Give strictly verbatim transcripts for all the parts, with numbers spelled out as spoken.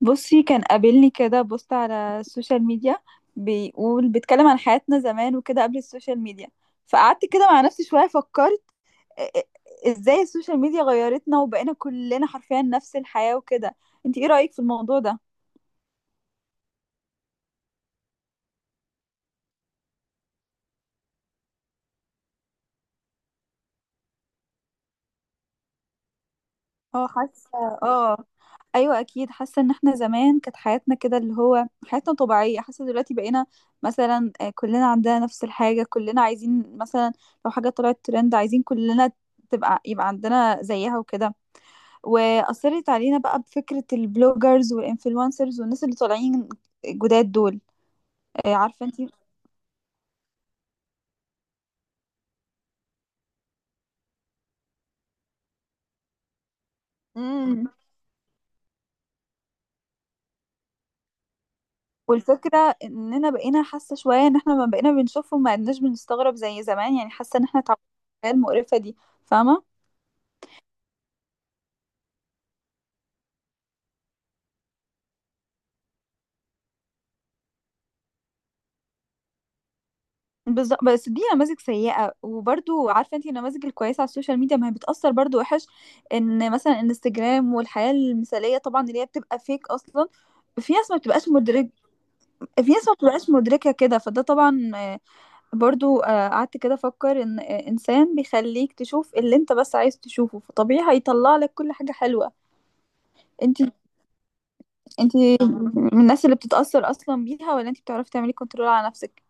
بصي كان قابلني كده بوست على السوشيال ميديا، بيقول بيتكلم عن حياتنا زمان وكده قبل السوشيال ميديا. فقعدت كده مع نفسي شوية فكرت إ- إ- ازاي السوشيال ميديا غيرتنا وبقينا كلنا حرفيا نفس الحياة وكده. انت ايه رأيك في الموضوع ده؟ اه حاسة. اه، ايوه اكيد حاسه ان احنا زمان كانت حياتنا كده اللي هو حياتنا طبيعيه، حاسه دلوقتي بقينا مثلا آه، كلنا عندنا نفس الحاجه، كلنا عايزين مثلا لو حاجه طلعت ترند عايزين كلنا تبقى يبقى عندنا زيها وكده. واثرت علينا بقى بفكره البلوجرز والانفلونسرز والناس اللي طالعين جداد دول. آه، عارفه انت. امم والفكره اننا بقينا حاسه شويه ان احنا ما بقينا بنشوفهم، ما عدناش بنستغرب زي زمان، يعني حاسه ان احنا اتعودنا على المقرفه دي. فاهمه؟ بالظبط، بس دي نماذج سيئه، وبرضو عارفه انت النماذج الكويسه على السوشيال ميديا ما هي بتاثر برضو وحش، ان مثلا انستجرام والحياه المثاليه طبعا اللي هي بتبقى فيك اصلا. في ناس ما بتبقاش مدرك، في ناس ما بتبقاش مدركه كده، فده طبعا برضو. آه، قعدت كده افكر ان آه، انسان بيخليك تشوف اللي انت بس عايز تشوفه، فطبيعي هيطلع لك كل حاجة حلوة. انت انت من الناس اللي بتتأثر اصلا بيها، ولا انت بتعرفي تعملي كنترول على نفسك؟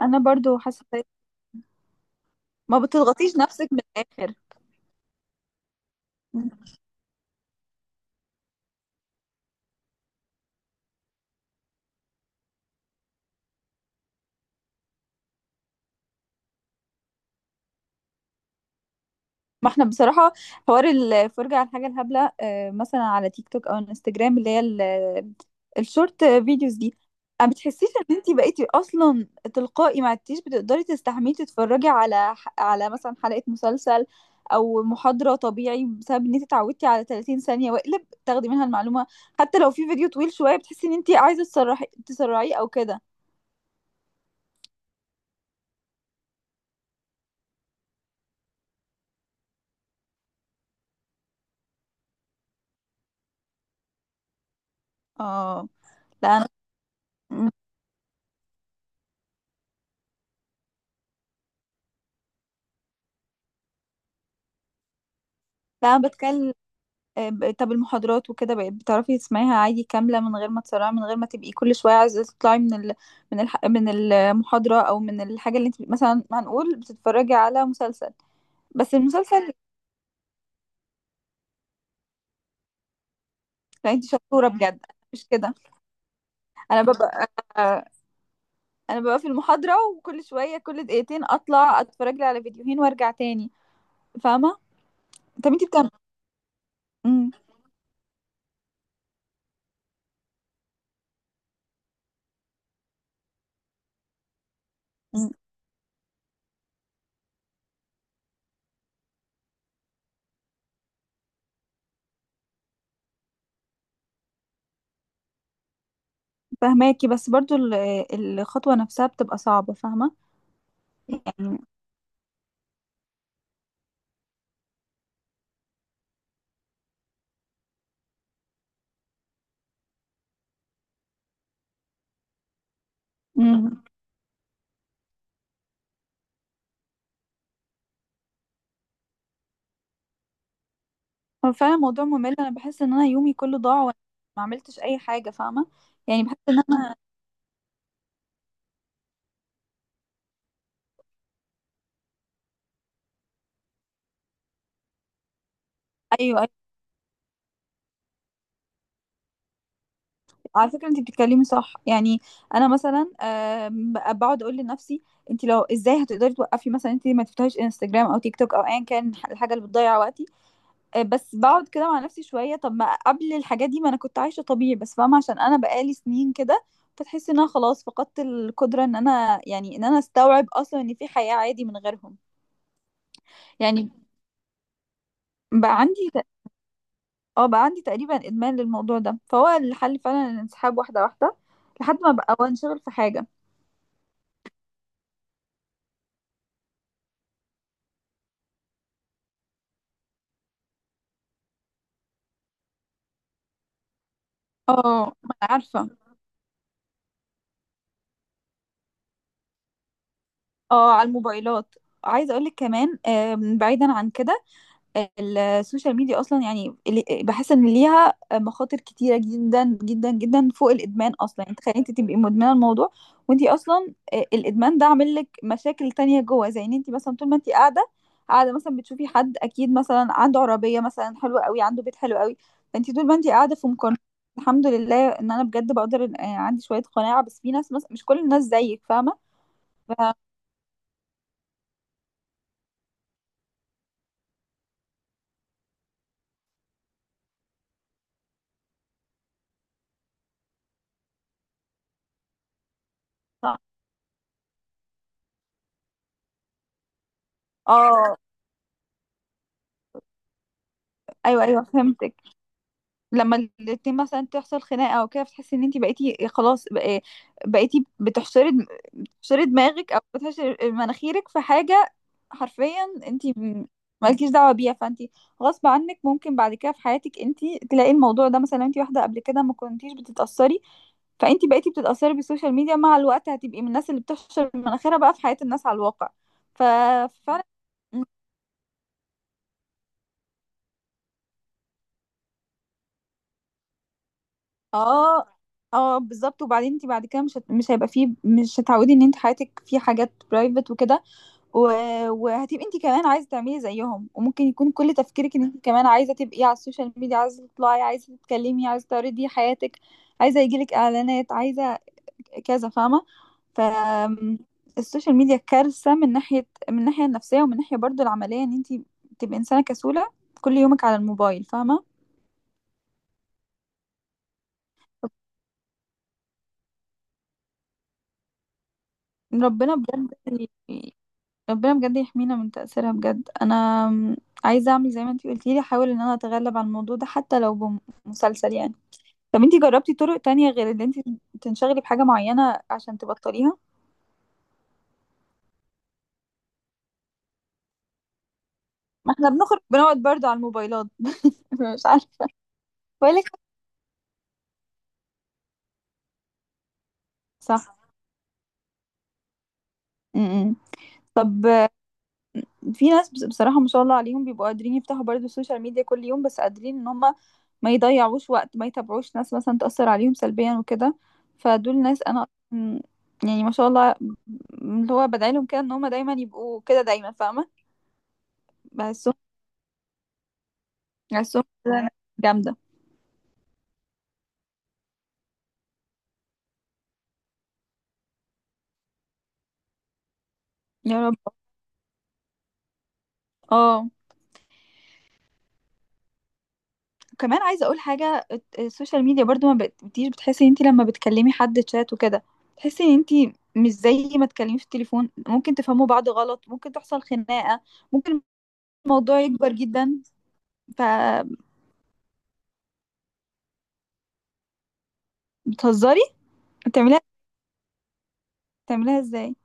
انا برضو حاسة زي- ما بتضغطيش نفسك من الاخر. ما احنا بصراحة حوار الفرجة على الحاجة الهبلة آه، مثلا على تيك توك او انستجرام اللي هي ال- الشورت فيديوز دي. ما بتحسيش ان انتي بقيتي اصلا تلقائي ما عدتيش بتقدري تستحملي تتفرجي على ح- على مثلا حلقة مسلسل او محاضرة طبيعي، بسبب ان انتي اتعودتي على 30 ثانية واقلب تاخدي منها المعلومة. حتى لو في فيديو طويل شوية بتحسي ان انتي عايزة تسرحي تسرعيه او كده. اه. لا انا لا انا بتكلم. آه، ب- طب المحاضرات وكده بقيت بتعرفي تسمعيها عادي كاملة من غير ما تسرعي، من غير ما تبقي كل شوية عايزة تطلعي من ال... من الح... من المحاضرة، أو من الحاجة اللي انت مثلا هنقول بتتفرجي على مسلسل؟ بس المسلسل، لا انت شطورة بجد مش كده. أنا ببقى آه، أنا ببقى في المحاضرة، وكل شوية كل دقيقتين أطلع أتفرج لي على فيديوهين وأرجع تاني. فاهمة؟ طب انت بتعملي. مم، مم، فاهماكي، بس برضو ال- الخطوة نفسها بتبقى صعبة. فاهمة يعني. مم. هو فعلا موضوع ممل، انا بحس ان انا يومي كله ضاع وانا ما عملتش اي حاجه، فاهمه؟ يعني بحس ان انا. ايوه ايوه. على فكره انت بتتكلمي صح يعني. انا مثلا آم، بقعد اقول لنفسي، انت لو ازاي هتقدري توقفي، مثلا انت ما تفتحيش انستجرام او تيك توك او ايا كان الحاجه اللي بتضيع وقتي. آه، بس بقعد كده مع نفسي شويه، طب ما قبل الحاجات دي ما انا كنت عايشه طبيعي، بس فاهمه عشان انا بقالي سنين كده. فتحس ان انا خلاص فقدت القدره ان انا، يعني ان انا استوعب اصلا ان في حياه عادي من غيرهم. يعني بقى عندي، اه بقى عندي تقريبا ادمان للموضوع ده، فهو الحل فعلا الانسحاب واحده واحده لحد ما بقى وانشغل في حاجه. اه ما انا عارفه. اه على الموبايلات. عايزه اقول لك كمان آم، بعيدا عن كده، السوشيال ميديا اصلا يعني اللي- بحس ان ليها مخاطر كتيره جدا جدا جدا فوق الادمان اصلا. يعني تخيلي انت تبقي مدمنه الموضوع وانت اصلا آه، الادمان ده عامل لك مشاكل تانية جوه، زي ان انت مثلا طول ما انت قاعده، قاعده مثلا بتشوفي حد اكيد مثلا عنده عربيه مثلا حلوه قوي، عنده بيت حلو قوي، فانت طول ما انت قاعده في مقارنه. الحمد لله ان انا بجد بقدر إن- آه، عندي شويه قناعه، بس في ناس مثلا مش كل الناس زيك فاهمه. ف... اه. ايوه ايوه فهمتك. لما الاتنين مثلا تحصل خناقه او كده، بتحسي ان انت بقيتي خلاص بق- بقيتي بتحشري دم- بتحشري دماغك، او بتحشري مناخيرك في حاجه حرفيا. انت م- مالكيش دعوه بيها، فانت غصب عنك ممكن بعد كده في حياتك انت تلاقي الموضوع ده، مثلا انت واحده قبل كده ما كنتيش بتتاثري، فانت بقيتي بتتاثري بالسوشيال ميديا، مع الوقت هتبقي من الناس اللي بتحشر مناخيرها بقى في حياه الناس على الواقع. ف- ففعلا. اه. اه بالظبط. وبعدين انت بعد كده مش هت... مش هيبقى فيه، مش هتعودي ان انت حياتك في حاجات برايفت وكده. و... وهتبقي انت كمان عايزه تعملي زيهم، وممكن يكون كل تفكيرك ان انت كمان عايزه تبقي على السوشيال ميديا، عايزه تطلعي، عايزه تتكلمي، عايزه تعرضي حياتك، عايزه يجيلك اعلانات، عايزه كذا. فاهمه؟ ف السوشيال ميديا كارثه من ناحيه، من الناحيه النفسيه، ومن ناحيه برضو العمليه ان انت تبقي انسانه كسوله كل يومك على الموبايل، فاهمه. ربنا بجد، ربنا بجد يحمينا من تأثيرها بجد. انا م- عايزة اعمل زي ما انتي قلتي لي، احاول ان انا اتغلب على الموضوع ده حتى لو بمسلسل يعني. طب انتي جربتي طرق تانية غير ان انتي تنشغلي بحاجة معينة عشان تبطليها؟ ما احنا بنخرج بنقعد برضه على الموبايلات مش عارفة. بقولك. صح. م-م. في ناس بص- بصراحة ما شاء الله عليهم بيبقوا قادرين يفتحوا برضه السوشيال ميديا كل يوم، بس قادرين ان هم ما يضيعوش وقت، ما يتابعوش ناس مثلا تأثر عليهم سلبيا وكده. فدول ناس انا أصلاً يعني ما شاء الله م- اللي هو بدعي لهم كده ان هم دايما يبقوا كده دايما، فاهمة؟ بحسهم بحسهم كده ناس جامدة. يا رب. اه كمان عايزة اقول حاجة، الت- السوشيال ميديا برضو ما بتبقيش بتحسي ان انت لما بتكلمي حد تشات وكده، تحسي ان انت مش زي ما تكلمي في التليفون. ممكن تفهموا بعض غلط، ممكن تحصل خناقة، ممكن الموضوع يكبر جدا فبتهزري. بتعمليها، بتعمليها ازاي؟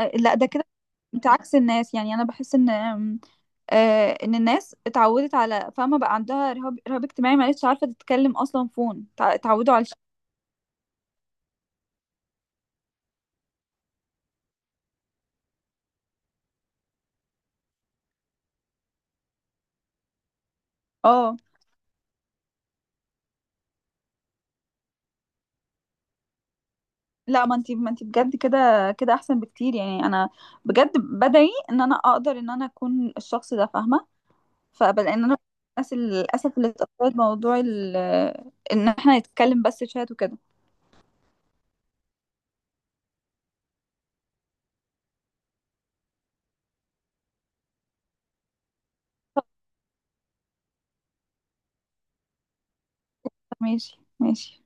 آه، لا ده كده انت عكس الناس. يعني انا بحس ان آم، آه، ان الناس اتعودت على، فاهمه، بقى عندها رهاب رهاب اجتماعي، ما عادش عارفه تتكلم اصلا فون، تع- اتعودوا على الش- اه. لا ما انت ما انت بجد كده، كده احسن بكتير، يعني انا بجد بدعي ان انا اقدر ان انا اكون الشخص ده، فاهمه؟ فبلا ان انا الناس للاسف اللي اتأثرت بموضوع ال- ان احنا نتكلم بس شات وكده. ماشي ماشي.